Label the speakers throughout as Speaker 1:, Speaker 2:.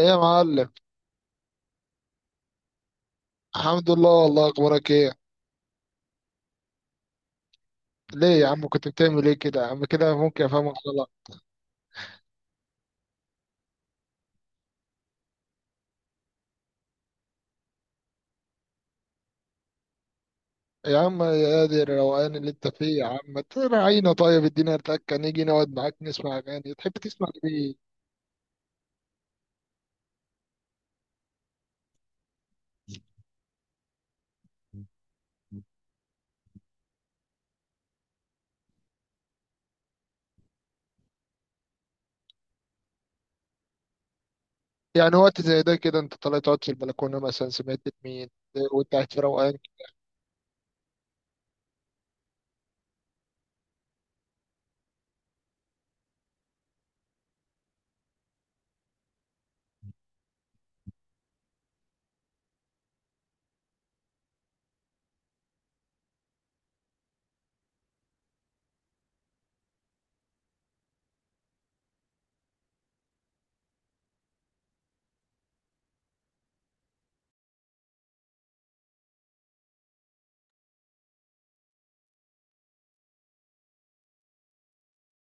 Speaker 1: ايه يا معلم؟ الحمد لله، والله اخبارك ايه؟ ليه يا عم؟ كنت بتعمل ايه كده يا عم؟ كده ممكن افهمك غلط. يا عم يا دي الروقان اللي انت فيه، يا عم تراعينا، طيب ادينا تكه نيجي نقعد معاك نسمع اغاني. تحب تسمع ايه؟ يعني وقت زي ده كده انت طالع تقعد في البلكونه مثلا سمعت مين وانت قاعد في روقان؟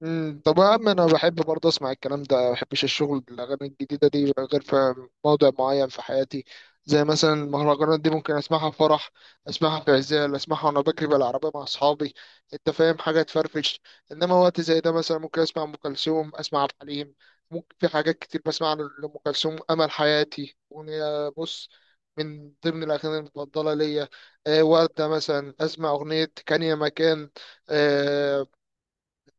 Speaker 1: مم، طب يا عم انا بحب برضه اسمع الكلام ده، ما بحبش الشغل بالاغاني الجديده دي غير في موضع معين في حياتي. زي مثلا المهرجانات دي ممكن اسمعها في فرح، اسمعها في عزال، اسمعها وانا بجري بالعربيه مع اصحابي. انت فاهم؟ حاجه تفرفش. انما وقت زي ده مثلا ممكن اسمع ام كلثوم، اسمع عبد الحليم. ممكن في حاجات كتير، بسمع لام كلثوم امل حياتي، اغنيه بص من ضمن الاغاني المفضله ليا. وردة مثلا اسمع اغنيه كان يا مكان. آه،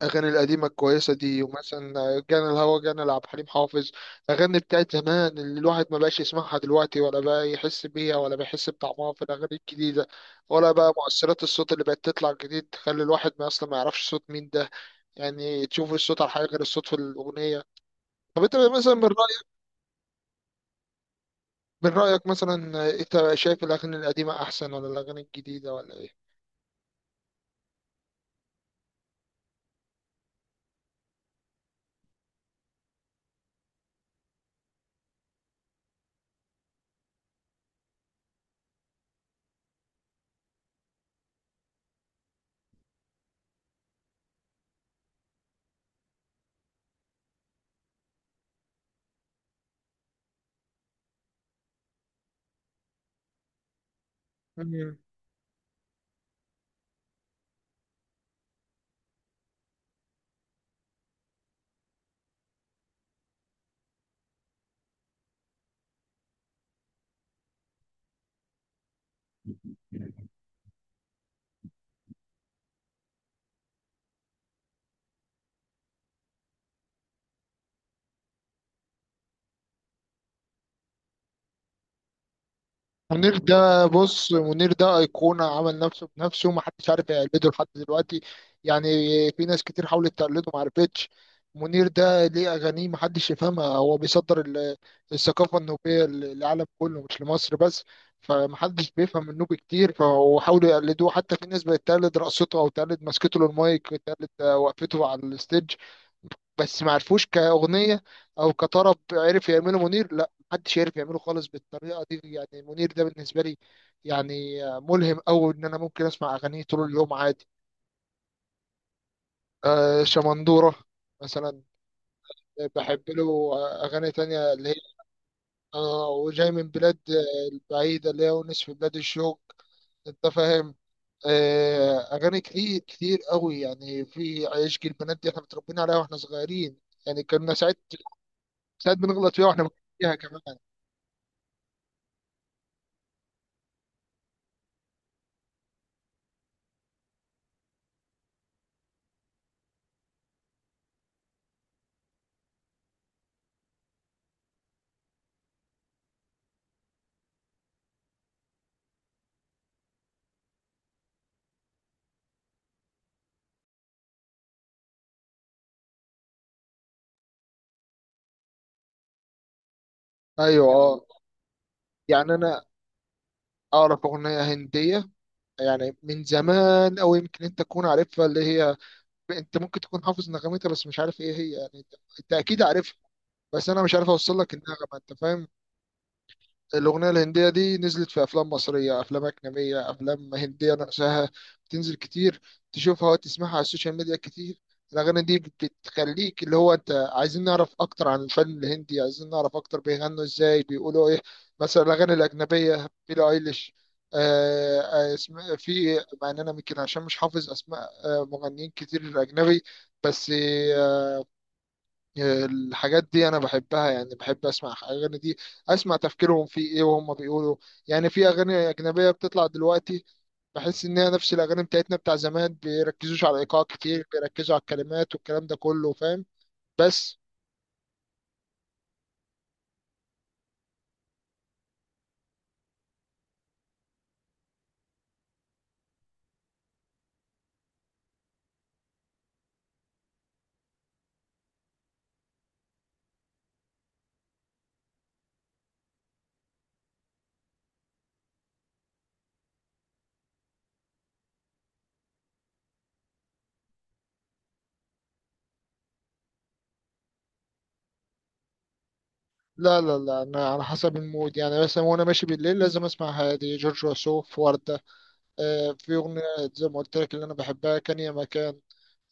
Speaker 1: الاغاني القديمه الكويسه دي، ومثلا جانا الهوى جانا لعبد الحليم حافظ. اغاني بتاعت زمان اللي الواحد ما بقاش يسمعها دلوقتي، ولا بقى يحس بيها، ولا بيحس بطعمها في الاغاني الجديده، ولا بقى مؤثرات الصوت اللي بقت تطلع جديد تخلي الواحد ما اصلا ما يعرفش صوت مين ده. يعني تشوف الصوت على حاجه غير الصوت في الاغنيه. طب انت مثلا من رايك، من رايك مثلا، انت شايف الاغاني القديمه احسن ولا الاغاني الجديده ولا ايه؟ منير ده بص، منير ده أيقونة، عمل نفسه بنفسه، محدش عارف يقلده لحد دلوقتي. يعني في ناس كتير حاولت تقلده، معرفتش. منير ده ليه أغانيه محدش يفهمها، هو بيصدر الثقافة النوبية للعالم كله مش لمصر بس. فمحدش بيفهم النوبي كتير، فهو حاولوا يقلدوه حتى، في ناس بقت تقلد رقصته أو تقلد مسكته للمايك، تقلد وقفته على الستيج. بس ما عرفوش كأغنية أو كطرب عرف يعمله منير، لا محدش عرف يعمله خالص بالطريقة دي. يعني منير ده بالنسبة لي يعني ملهم أوي، إن أنا ممكن أسمع أغانيه طول اليوم عادي. آه شمندورة مثلا. بحب له أغاني تانية اللي هي آه وجاي من بلاد البعيدة، اللي هي ونس في بلاد الشوق. أنت فاهم. آه أغاني كتير كتير أوي. يعني في عشق البنات دي إحنا متربيين عليها وإحنا صغيرين. يعني كنا ساعات، ساعات بنغلط فيها وإحنا بنغلط فيها كمان. ايوه اه. يعني انا اعرف اغنيه هنديه، يعني من زمان، او يمكن انت تكون عارفها اللي هي، انت ممكن تكون حافظ نغمتها بس مش عارف ايه هي. يعني انت أنت اكيد عارفها، بس انا مش عارف اوصل لك النغمه. انت فاهم. الأغنية الهندية دي نزلت في أفلام مصرية، أفلام أجنبية، أفلام هندية نفسها، بتنزل كتير، تشوفها وتسمعها على السوشيال ميديا كتير. الأغاني دي بتخليك اللي هو أنت عايزين نعرف أكتر عن الفن الهندي، عايزين نعرف أكتر بيغنوا إزاي، بيقولوا إيه. مثلا الأغاني الأجنبية بيلي أيليش، في، مع إن أنا يمكن عشان مش حافظ أسماء مغنيين كتير أجنبي. بس الحاجات دي انا بحبها، يعني بحب اسمع اغاني دي، اسمع تفكيرهم في ايه وهم بيقولوا. يعني في اغاني اجنبيه بتطلع دلوقتي، بحس ان هي نفس الاغاني بتاعتنا بتاع زمان، بيركزوش على الايقاع كتير، بيركزوا على الكلمات والكلام ده كله. فاهم. بس لا، انا على حسب المود. يعني مثلا وانا ماشي بالليل لازم اسمع هادي، جورج وسوف، وردة. آه في اغنيه زي ما قلت لك اللي انا بحبها كان يا مكان.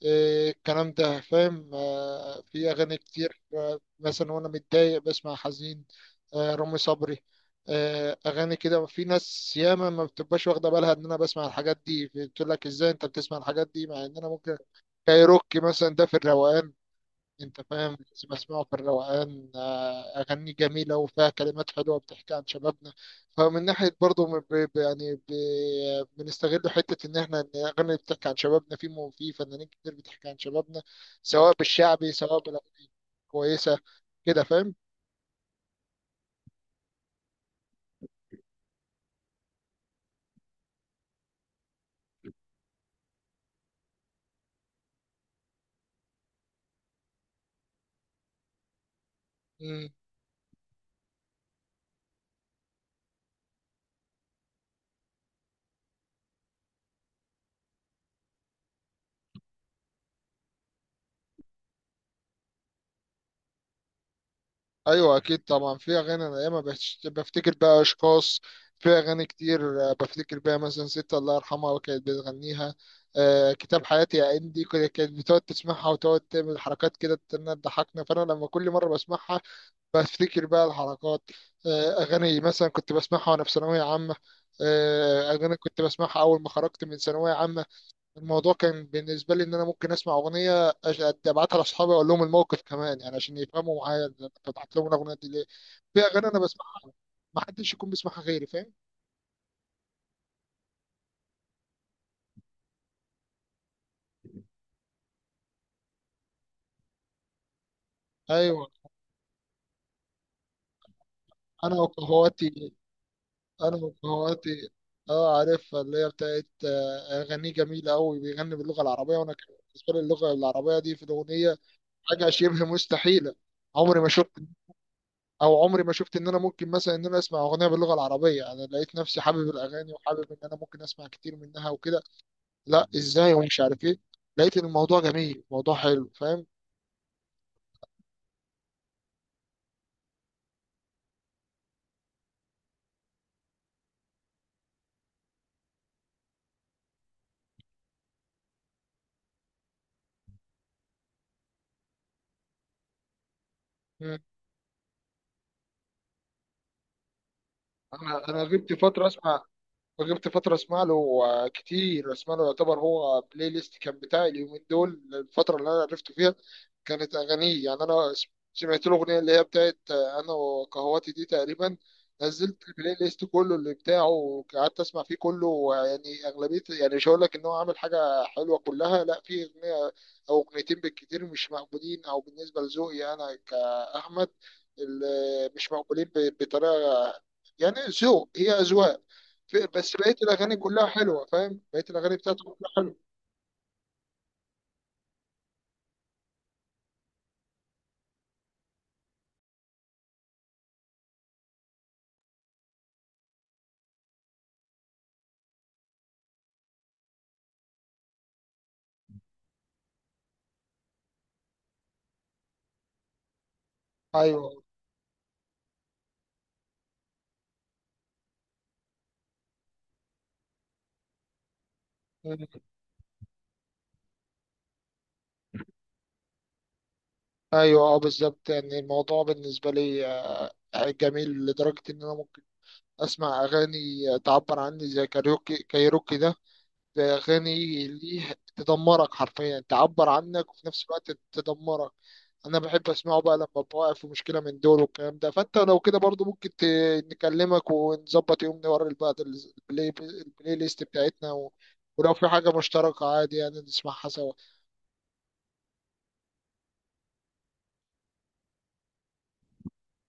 Speaker 1: إيه الكلام ده. فاهم. آه في أغاني كتير، آه مثلا وأنا متضايق بسمع حزين. آه رامي صبري. آه أغاني كده، في ناس ياما ما بتبقاش واخدة بالها إن أنا بسمع الحاجات دي، بتقول لك إزاي أنت بتسمع الحاجات دي مع إن أنا ممكن. كايروكي مثلا ده في الروقان. انت فاهم، لازم اسمعه في الروقان. اغاني جميله وفيها كلمات حلوه بتحكي عن شبابنا. فمن ناحيه برضه، بنستغل حته ان احنا ان الاغاني اللي بتحكي عن شبابنا، في فنانين كتير بتحكي عن شبابنا، سواء بالشعبي سواء بالاغاني كويسه كده. فاهم. ايوه اكيد طبعا، في اغاني انا ياما بفتكر بقى اشخاص، في اغاني كتير. بفتكر بيها مثلا ست الله يرحمها كانت بتغنيها. كتاب حياتي يا اندي كده كانت بتقعد تسمعها وتقعد تعمل حركات كده تضحكنا. فانا لما كل مره بسمعها بفتكر بقى الحركات. اغاني مثلا كنت بسمعها وانا في ثانويه عامه. اغاني كنت بسمعها اول ما خرجت من ثانويه عامه. الموضوع كان بالنسبة لي إن أنا ممكن أسمع أغنية أبعتها لأصحابي وأقول لهم الموقف كمان، يعني عشان يفهموا معايا ده أنا ببعت لهم الأغنية دي ليه. في أغاني أنا بسمعها ما حدش يكون بيسمعها غيري. فاهم. أيوه. أنا وقهواتي أنا وقهواتي. أه عارفها اللي هي بتاعت أغانيه جميلة أوي، بيغني باللغة العربية، وأنا كان بالنسبة لي اللغة العربية دي في الأغنية حاجة شبه مستحيلة. عمري ما شفت عمري ما شفت ان انا ممكن مثلا ان انا اسمع اغنيه باللغه العربيه. انا لقيت نفسي حابب الاغاني وحابب ان انا ممكن اسمع كتير منها وكده. لا ازاي، ومش عارف ايه. لقيت ان الموضوع جميل، الموضوع حلو. فاهم. مم. انا غبت فتره اسمع، فجبت فترة اسمع له، كتير اسمع له. يعتبر هو بلاي ليست كان بتاعي اليومين دول، الفترة اللي انا عرفته فيها كانت اغانيه. يعني سمعت له اغنية اللي هي بتاعت انا وقهواتي دي تقريبا. نزلت البلاي ليست كله اللي بتاعه وقعدت اسمع فيه كله. ويعني اغلبية، يعني مش هقول لك ان هو عامل حاجة حلوة كلها، لا في اغنية او اغنيتين بالكتير مش مقبولين، او بالنسبة لذوقي انا كأحمد اللي مش مقبولين بطريقة، يعني ذوق، هي أذواق. بس بقيه الاغاني كلها حلوه. فاهم، بقيه الاغاني بتاعته كلها حلوه. ايوه. مم. ايوه اه، بالظبط. يعني الموضوع بالنسبه لي جميل لدرجه ان انا ممكن اسمع اغاني تعبر عني زي كايروكي ده، ده أغاني ليه تدمرك حرفيا، تعبر عنك وفي نفس الوقت تدمرك. أنا بحب أسمعه بقى لما ببقى واقف في مشكلة من دول والكلام ده. فأنت لو كده برضو ممكن نكلمك ونظبط يوم نوري بعض البلاي ليست بتاعتنا و... ولو في حاجة مشتركة عادي يعني نسمعها سوا.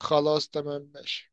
Speaker 1: خلاص تمام ماشي.